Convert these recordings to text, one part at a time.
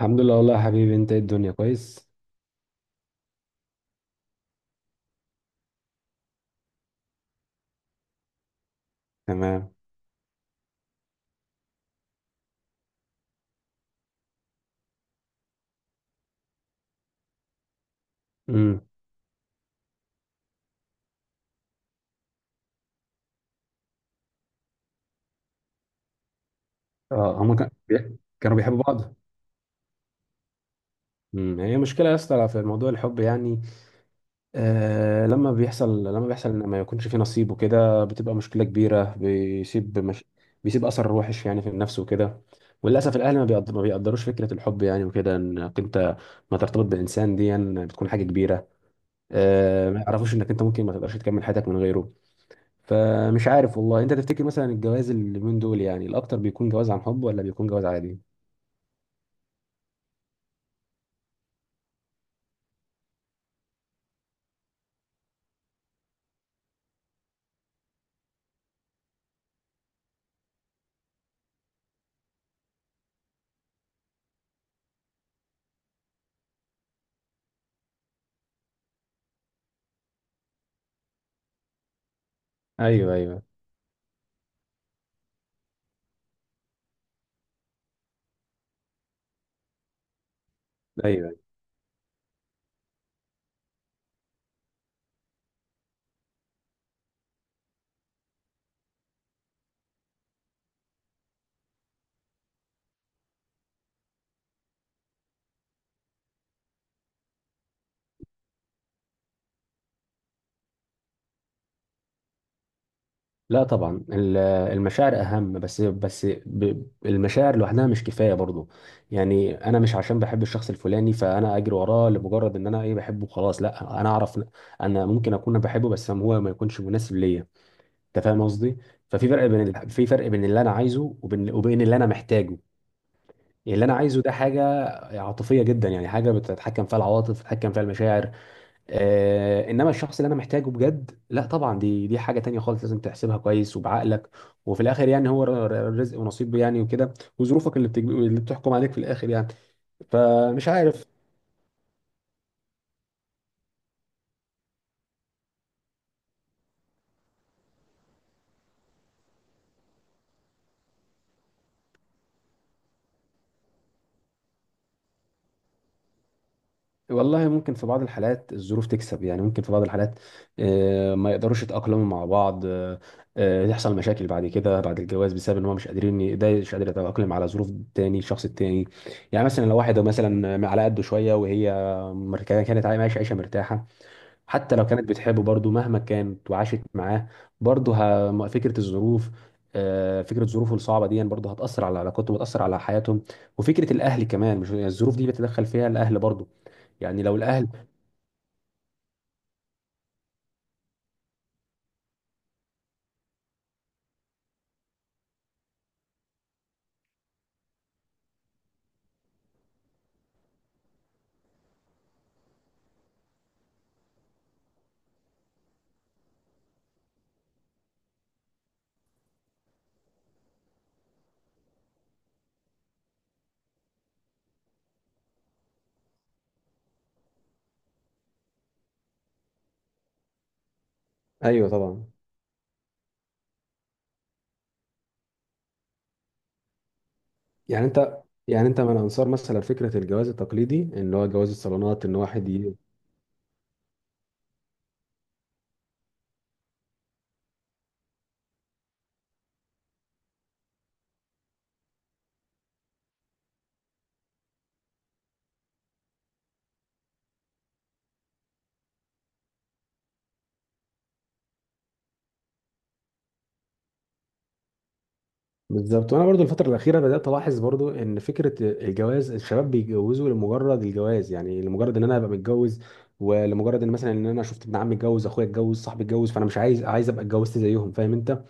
الحمد لله، والله يا حبيبي. انت ايه؟ الدنيا كويس؟ تمام. امم اه، هما كانوا بيحبوا بعض. هي مشكله يا اسطى في موضوع الحب، يعني لما بيحصل، لما بيحصل ان ما يكونش في نصيب وكده بتبقى مشكله كبيره. بيسيب مش... بيسيب اثر وحش يعني في النفس وكده. وللاسف الاهل ما بيقدروش فكره الحب، يعني وكده، انك انت ما ترتبط بانسان دي يعني بتكون حاجه كبيره. ما يعرفوش انك انت ممكن ما تقدرش تكمل حياتك من غيره. فمش عارف والله، انت تفتكر مثلا الجواز اليومين دول يعني الاكتر بيكون جواز عن حب، ولا بيكون جواز عادي؟ ايوه، ايوه، ايوه. لا طبعا، المشاعر اهم. بس المشاعر لوحدها مش كفايه برضو. يعني انا مش عشان بحب الشخص الفلاني فانا اجري وراه لمجرد ان انا ايه بحبه. خلاص لا، انا اعرف انا ممكن اكون بحبه بس هو ما يكونش مناسب ليا. انت فاهم قصدي؟ ففي فرق بين ال- في فرق بين اللي انا عايزه وبين اللي انا محتاجه. يعني اللي انا عايزه ده حاجه عاطفيه جدا، يعني حاجه بتتحكم فيها العواطف، بتتحكم فيها المشاعر. انما الشخص اللي انا محتاجه بجد، لا طبعا، دي حاجه تانية خالص، لازم تحسبها كويس وبعقلك. وفي الاخر يعني هو رزق ونصيب، يعني وكده. وظروفك اللي بتحكم عليك في الاخر، يعني. فمش عارف. والله ممكن، في بعض الحالات الظروف تكسب، يعني ممكن في بعض الحالات ما يقدروش يتأقلموا مع بعض، يحصل مشاكل بعد كده، بعد الجواز، بسبب ان هو مش قادرين ده مش قادر يتأقلم على ظروف التاني، الشخص التاني. يعني مثلا لو واحد مثلا على قده شوية، وهي كانت عايشة عيشة مرتاحة. حتى لو كانت بتحبه برضه، مهما كانت وعاشت معاه، برضه فكره الظروف، فكره ظروفه الصعبه دي برضه هتاثر على علاقاتهم وتاثر على حياتهم. وفكره الاهل كمان، مش يعني الظروف دي بيتدخل فيها الاهل برضه. يعني لو الاهل... ايوه طبعا. يعني انت يعني انت من انصار مثلا فكره الجواز التقليدي، ان هو جواز الصالونات، ان واحد... بالظبط. وانا برضو الفتره الاخيره بدات الاحظ برضو ان فكره الجواز، الشباب بيتجوزوا لمجرد الجواز، يعني لمجرد ان انا ابقى متجوز. ولمجرد ان مثلا ان انا شفت ابن عمي اتجوز، اخويا اتجوز، صاحبي اتجوز، فانا مش عايز ابقى اتجوزت زيهم. فاهم انت؟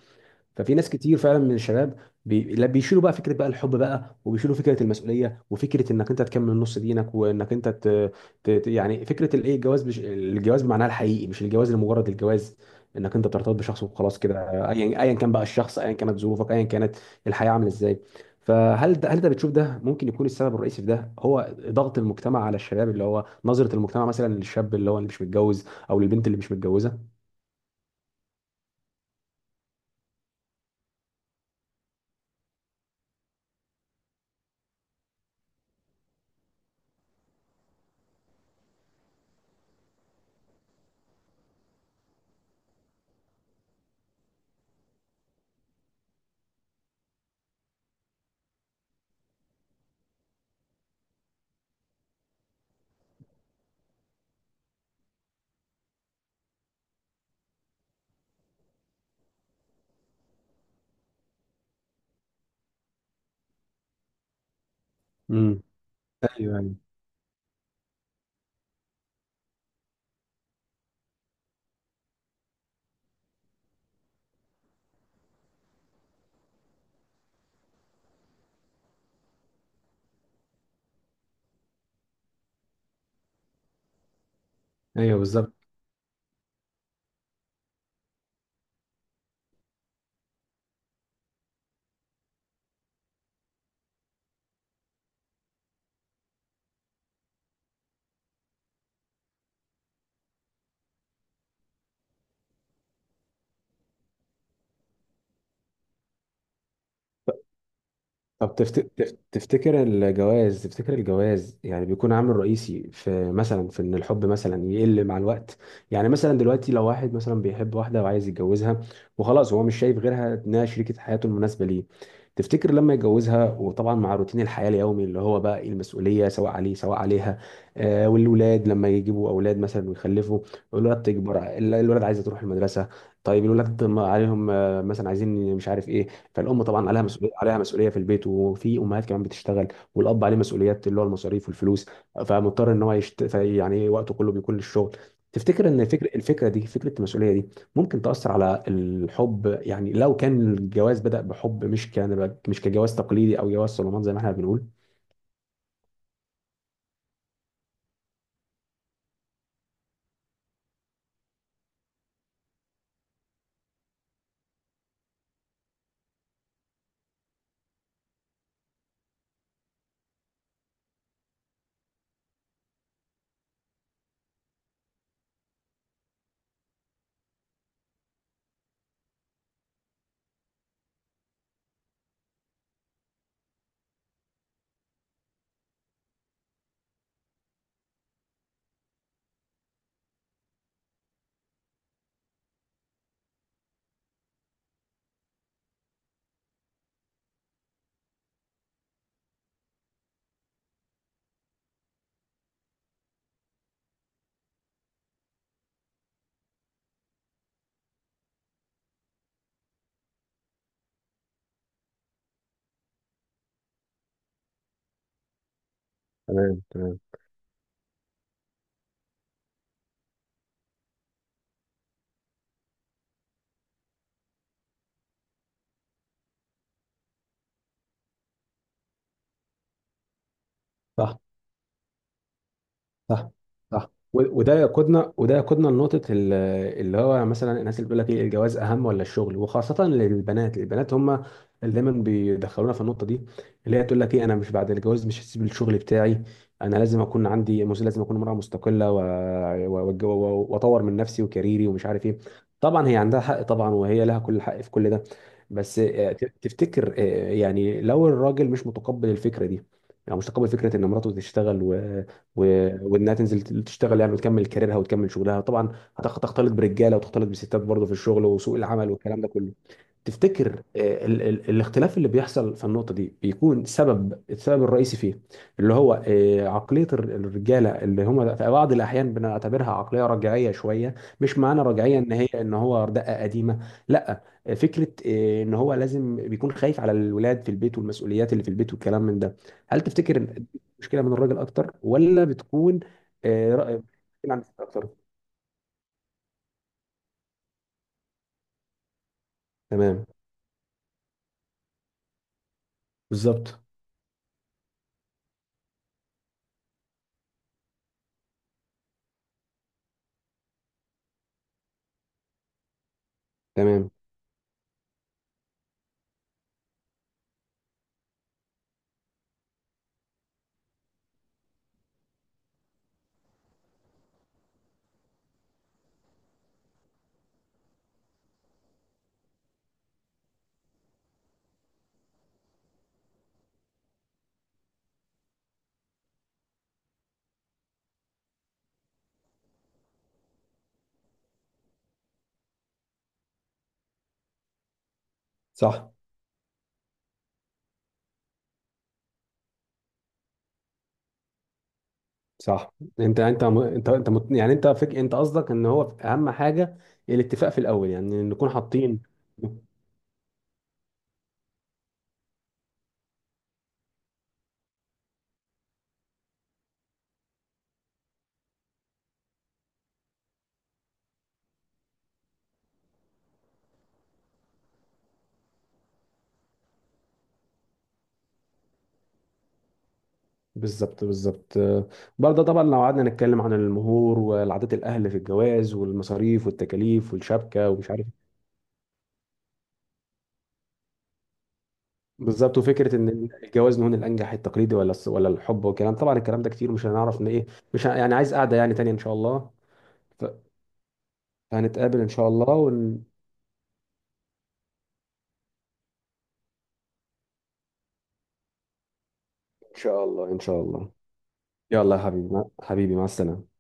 ففي ناس كتير فعلا من الشباب لا، بيشيلوا بقى فكره بقى الحب بقى، وبيشيلوا فكره المسؤوليه وفكره انك انت تكمل نص دينك، وانك انت يعني فكره الايه، الجواز الجواز بمعناها الحقيقي، مش الجواز لمجرد الجواز، انك انت بترتبط بشخص وخلاص كده، ايا كان بقى الشخص، ايا كانت ظروفك، ايا كانت الحياه عامله ازاي. فهل ده بتشوف ده ممكن يكون السبب الرئيسي في ده هو ضغط المجتمع على الشباب، اللي هو نظره المجتمع مثلا للشاب اللي هو اللي مش متجوز، او للبنت اللي مش متجوزه؟ امم. ايوه، ايوه، ايوه. بالظبط. طب تفتكر الجواز، تفتكر الجواز يعني بيكون عامل رئيسي في ان الحب مثلا يقل مع الوقت. يعني مثلا دلوقتي لو واحد مثلا بيحب واحدة وعايز يتجوزها وخلاص، هو مش شايف غيرها انها شريكة حياته المناسبة ليه. تفتكر لما يتجوزها، وطبعا مع روتين الحياة اليومي اللي هو بقى إيه، المسؤولية سواء عليه سواء عليها، والولاد لما يجيبوا اولاد مثلا ويخلفوا، الولاد تكبر، الولاد عايزة تروح المدرسة. طيب الولاد ما عليهم، مثلا عايزين مش عارف ايه. فالام طبعا عليها مسؤوليه في البيت، وفي امهات كمان بتشتغل. والاب عليه مسؤوليات اللي هو المصاريف والفلوس، فمضطر ان هو يعني وقته كله بيكون للشغل. تفتكر ان الفكره دي، فكره المسؤوليه دي ممكن تاثر على الحب، يعني لو كان الجواز بدا بحب، مش كجواز تقليدي او جواز صالونات زي ما احنا بنقول. تمام، تمام. صح، صح. صح. وده يقودنا، وده يقودنا لنقطة اللي هو مثلا الناس اللي بتقول لك ايه، الجواز أهم ولا الشغل. وخاصة للبنات، البنات هم اللي دايما بيدخلونا في النقطة دي، اللي هي تقول لك ايه، أنا مش... بعد الجواز مش هسيب الشغل بتاعي. أنا لازم أكون عندي لازم أكون امرأة مستقلة، وأطور من نفسي وكاريري ومش عارف ايه. طبعا هي عندها حق، طبعا وهي لها كل حق في كل ده. بس تفتكر، يعني لو الراجل مش متقبل الفكرة دي، يعني مش متقبل فكرة إن مراته تشتغل وانها تنزل تشتغل، يعني وتكمل كاريرها وتكمل شغلها طبعا. هتختلط برجاله وتختلط بستات برضه في الشغل وسوق العمل والكلام ده كله. تفتكر الاختلاف اللي بيحصل في النقطة دي بيكون السبب الرئيسي فيه، اللي هو عقلية الرجالة اللي هم في بعض الأحيان بنعتبرها عقلية رجعية شوية. مش معنى رجعية إن هو دقة قديمة. لا، فكرة إن هو لازم بيكون خايف على الولاد في البيت والمسؤوليات اللي في البيت والكلام من ده. هل تفتكر إن دي مشكلة من الراجل أكتر، ولا بتكون آه، رأي- مشكلة عند الست أكتر؟ تمام، بالظبط. تمام، صح، صح. يعني انت قصدك ان هو اهم حاجه، الاتفاق في الاول، يعني نكون حاطين... بالظبط، بالظبط. برضه طبعا لو قعدنا نتكلم عن المهور والعادات، الاهل في الجواز والمصاريف والتكاليف والشبكه ومش عارف... بالظبط. وفكره ان الجواز هون الانجح، التقليدي ولا الحب والكلام، طبعا الكلام ده كتير، مش هنعرف ان ايه. مش ه- يعني عايز قعده يعني تانية ان شاء الله. ف- فهنتقابل ان شاء الله ان شاء الله، ان شاء الله. يلا يا حبيبي، مع السلامه.